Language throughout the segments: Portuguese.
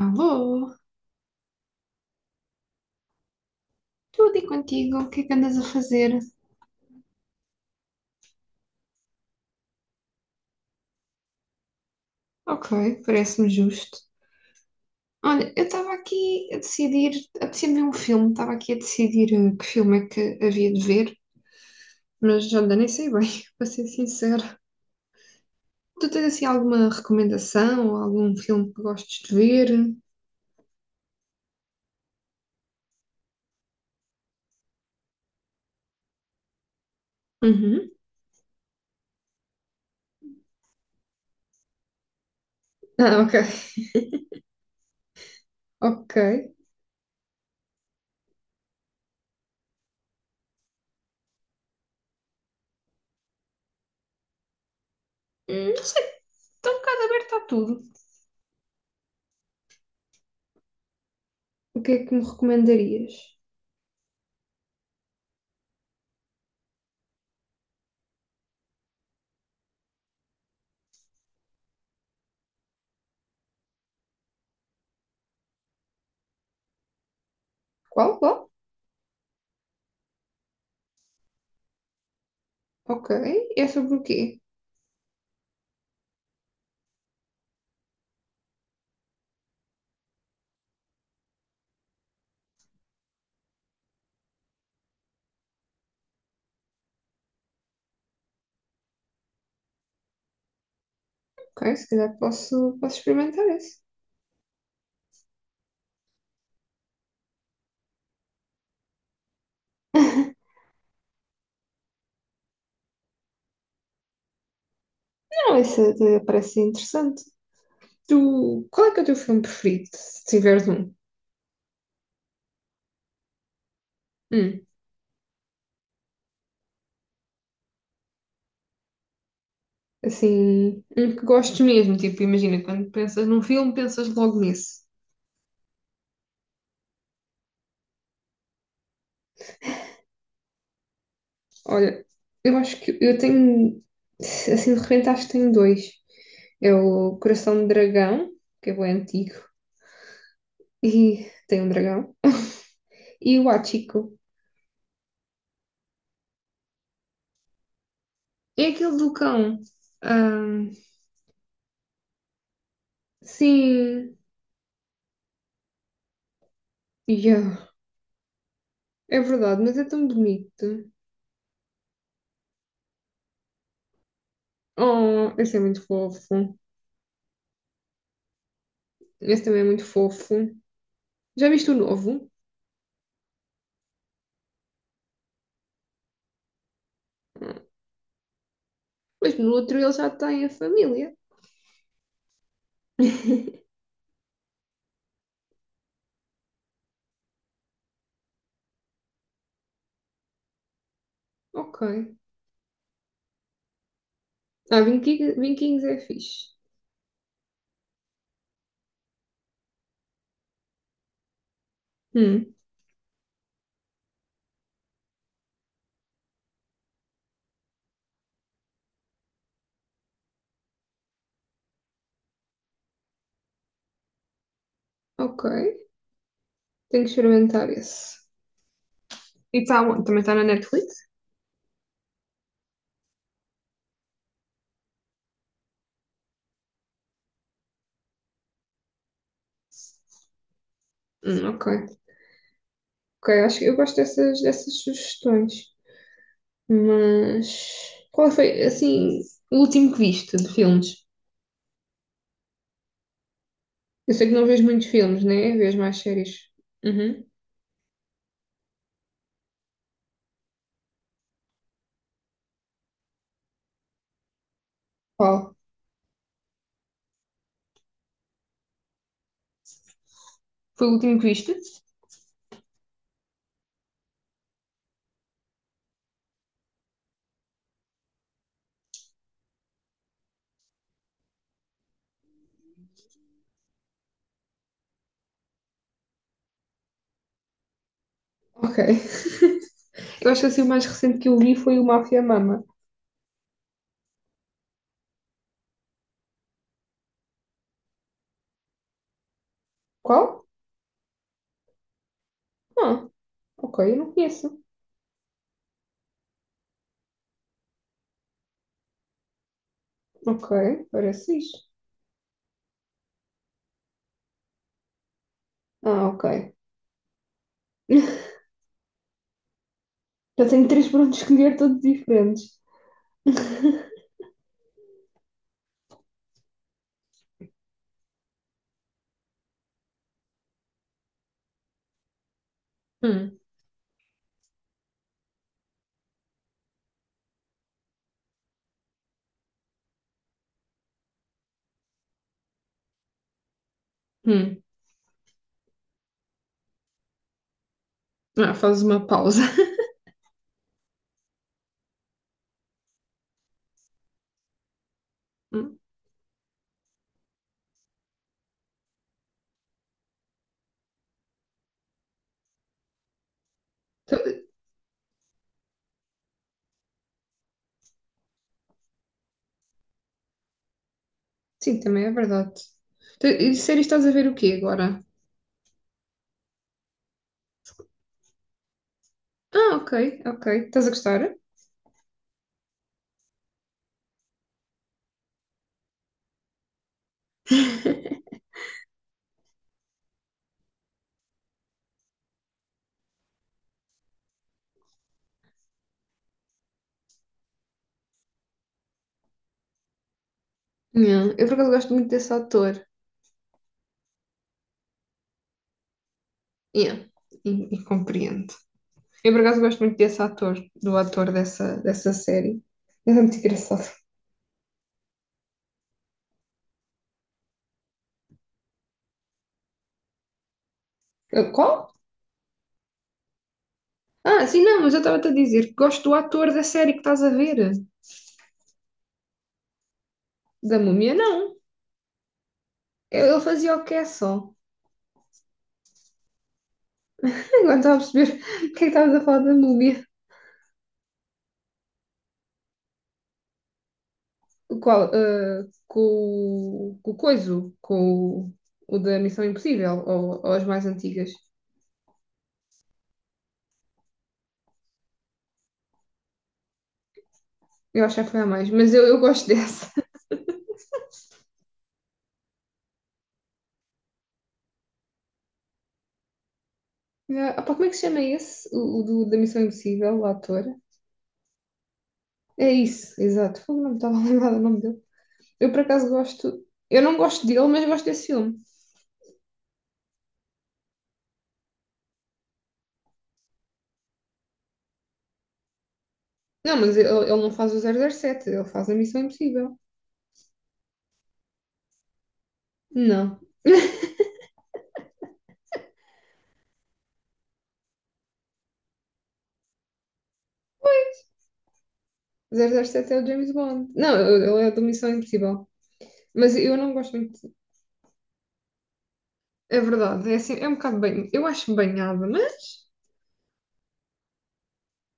Alô? Tudo, e contigo? O que é que andas a fazer? Ok, parece-me justo. Olha, eu estava aqui a decidir, apetecia-me ver um filme, estava aqui a decidir que filme é que havia de ver, mas olha, nem sei bem, para ser sincera. Tu tens assim alguma recomendação ou algum filme que gostes de ver? Uhum. Ah, ok, ok. Não sei, estou um bocado aberta a tudo. O que é que me recomendarias? Qual? Qual? Ok, é sobre o quê? Ok, se calhar posso experimentar esse. Não, esse até parece interessante. Tu, qual é que é o teu filme preferido, se tiveres um? Hum, assim, um que gostes mesmo. Tipo, imagina, quando pensas num filme, pensas logo nesse. Olha, eu acho que eu tenho, assim, de repente acho que tenho dois. É o Coração de Dragão, que é bem antigo, e tem um dragão. E o Hachiko. É aquele do cão. Ahm, sim, yeah. É verdade, mas é tão bonito. Oh, esse é muito fofo. Esse também é muito fofo. Já viste o novo? Ah, mas no outro ele já tem a família. Ok. Ah, Vinquinhos é fixe. Hum, ok. Tenho que experimentar esse. E tá, onde? Também está na Netflix? Ok. Ok, acho que eu gosto dessas, dessas sugestões. Mas qual foi, assim, o último que viste de filmes? Eu sei que não vês muitos filmes, né? Vês mais séries. Uhum. Qual? Foi o último que viste? Ok. Eu acho que assim o mais recente que eu vi foi o Mafia Mama. Qual? Ah, ok, eu não conheço. Ok, parece fixe. Ah, ok. Já tenho três para onde escolher, todos diferentes. Hum, hum. Ah, fazes uma pausa. Hum. Então, sim, também é verdade. E séries estás a ver o quê agora? Ah, ok, ok. Estás a gostar? Yeah. Eu por acaso gosto muito desse ator. Yeah, e compreendo. Eu, por acaso, gosto muito desse ator, do ator dessa, dessa série. Ele é muito engraçado. Qual? Ah, sim, não, mas eu estava-te a dizer que gosto do ator da série que estás a ver. Da múmia, não. Ele fazia o quê só. Agora estava a perceber o que é que estavas a falar da múmia. O qual? Ah, com, com o coiso, com o da Missão Impossível, ou as mais antigas. Eu acho que já foi a mais, mas eu gosto dessa. Ah, pá, como é que se chama esse? O, da Missão Impossível, o ator? É isso, exato. Fogo, não me estava a lembrar do nome dele. Eu, por acaso, gosto. Eu não gosto dele, mas gosto desse filme. Não, mas ele não faz o 007, ele faz a Missão Impossível. Não. 007 é o James Bond. Não, ele é do Missão Impossível. Mas eu não gosto muito. É verdade, é assim, é um bocado bem. Eu acho banhada, mas.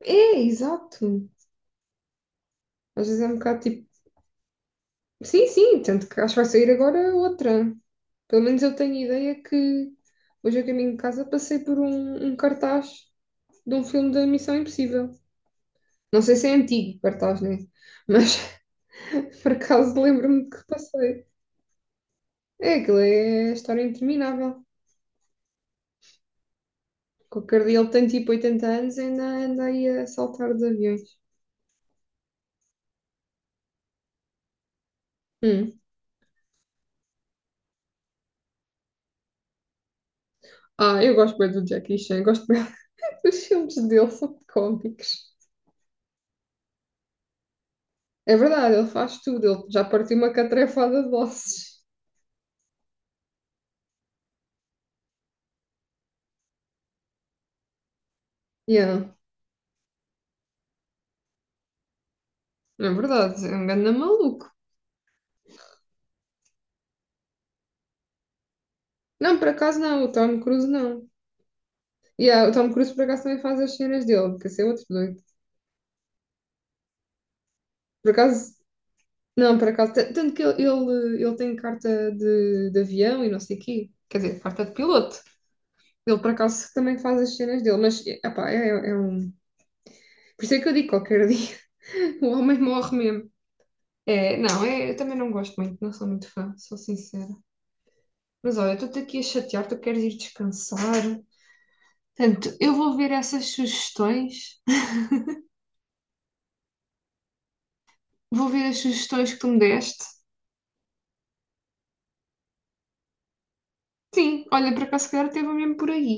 É, exato. Às vezes é um bocado tipo. Sim, sim, tanto que acho que vai sair agora outra. Pelo menos eu tenho ideia que hoje a caminho de casa passei por um, um cartaz de um filme da Missão Impossível. Não sei se é antigo, Bartás, né? Mas por acaso lembro-me que passei. É, aquilo é a história interminável. Qualquer o Cardiel tem tipo 80 anos e ainda anda aí a saltar de aviões. Hum. Ah, eu gosto bem do Jackie Chan, gosto bem dos filmes dele, são cómicos. É verdade, ele faz tudo, ele já partiu uma catrefada de ossos. Yeah, é verdade, é um ganda maluco. Não, por acaso não, o Tom Cruise não. Yeah, o Tom Cruise por acaso também faz as cenas dele, porque esse é outro doido. Por acaso, não, por acaso, tanto que ele tem carta de avião e não sei o quê, quer dizer, carta de piloto. Ele, por acaso, também faz as cenas dele, mas, epá, é, é um... Por isso é que eu digo qualquer dia, o homem morre mesmo. É, não, é, eu também não gosto muito, não sou muito fã, sou sincera. Mas olha, eu estou-te aqui a chatear, tu queres ir descansar. Portanto, eu vou ver essas sugestões, vou ver as sugestões que tu me deste. Sim, olha, por acaso, se calhar teve mesmo por aí.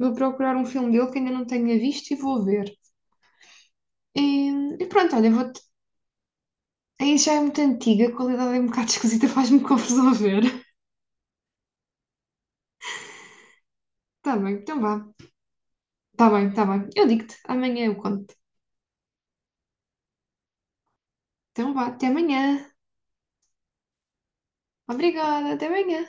Vou procurar um filme dele que ainda não tenha visto e vou ver. E, e pronto, olha, vou te... aí já é muito antiga, a qualidade é um bocado esquisita, faz-me confusão ver. Tá bem, então vá. Tá bem, tá bem. Eu digo-te, amanhã eu conto. Então vá, até amanhã. Obrigada, até amanhã.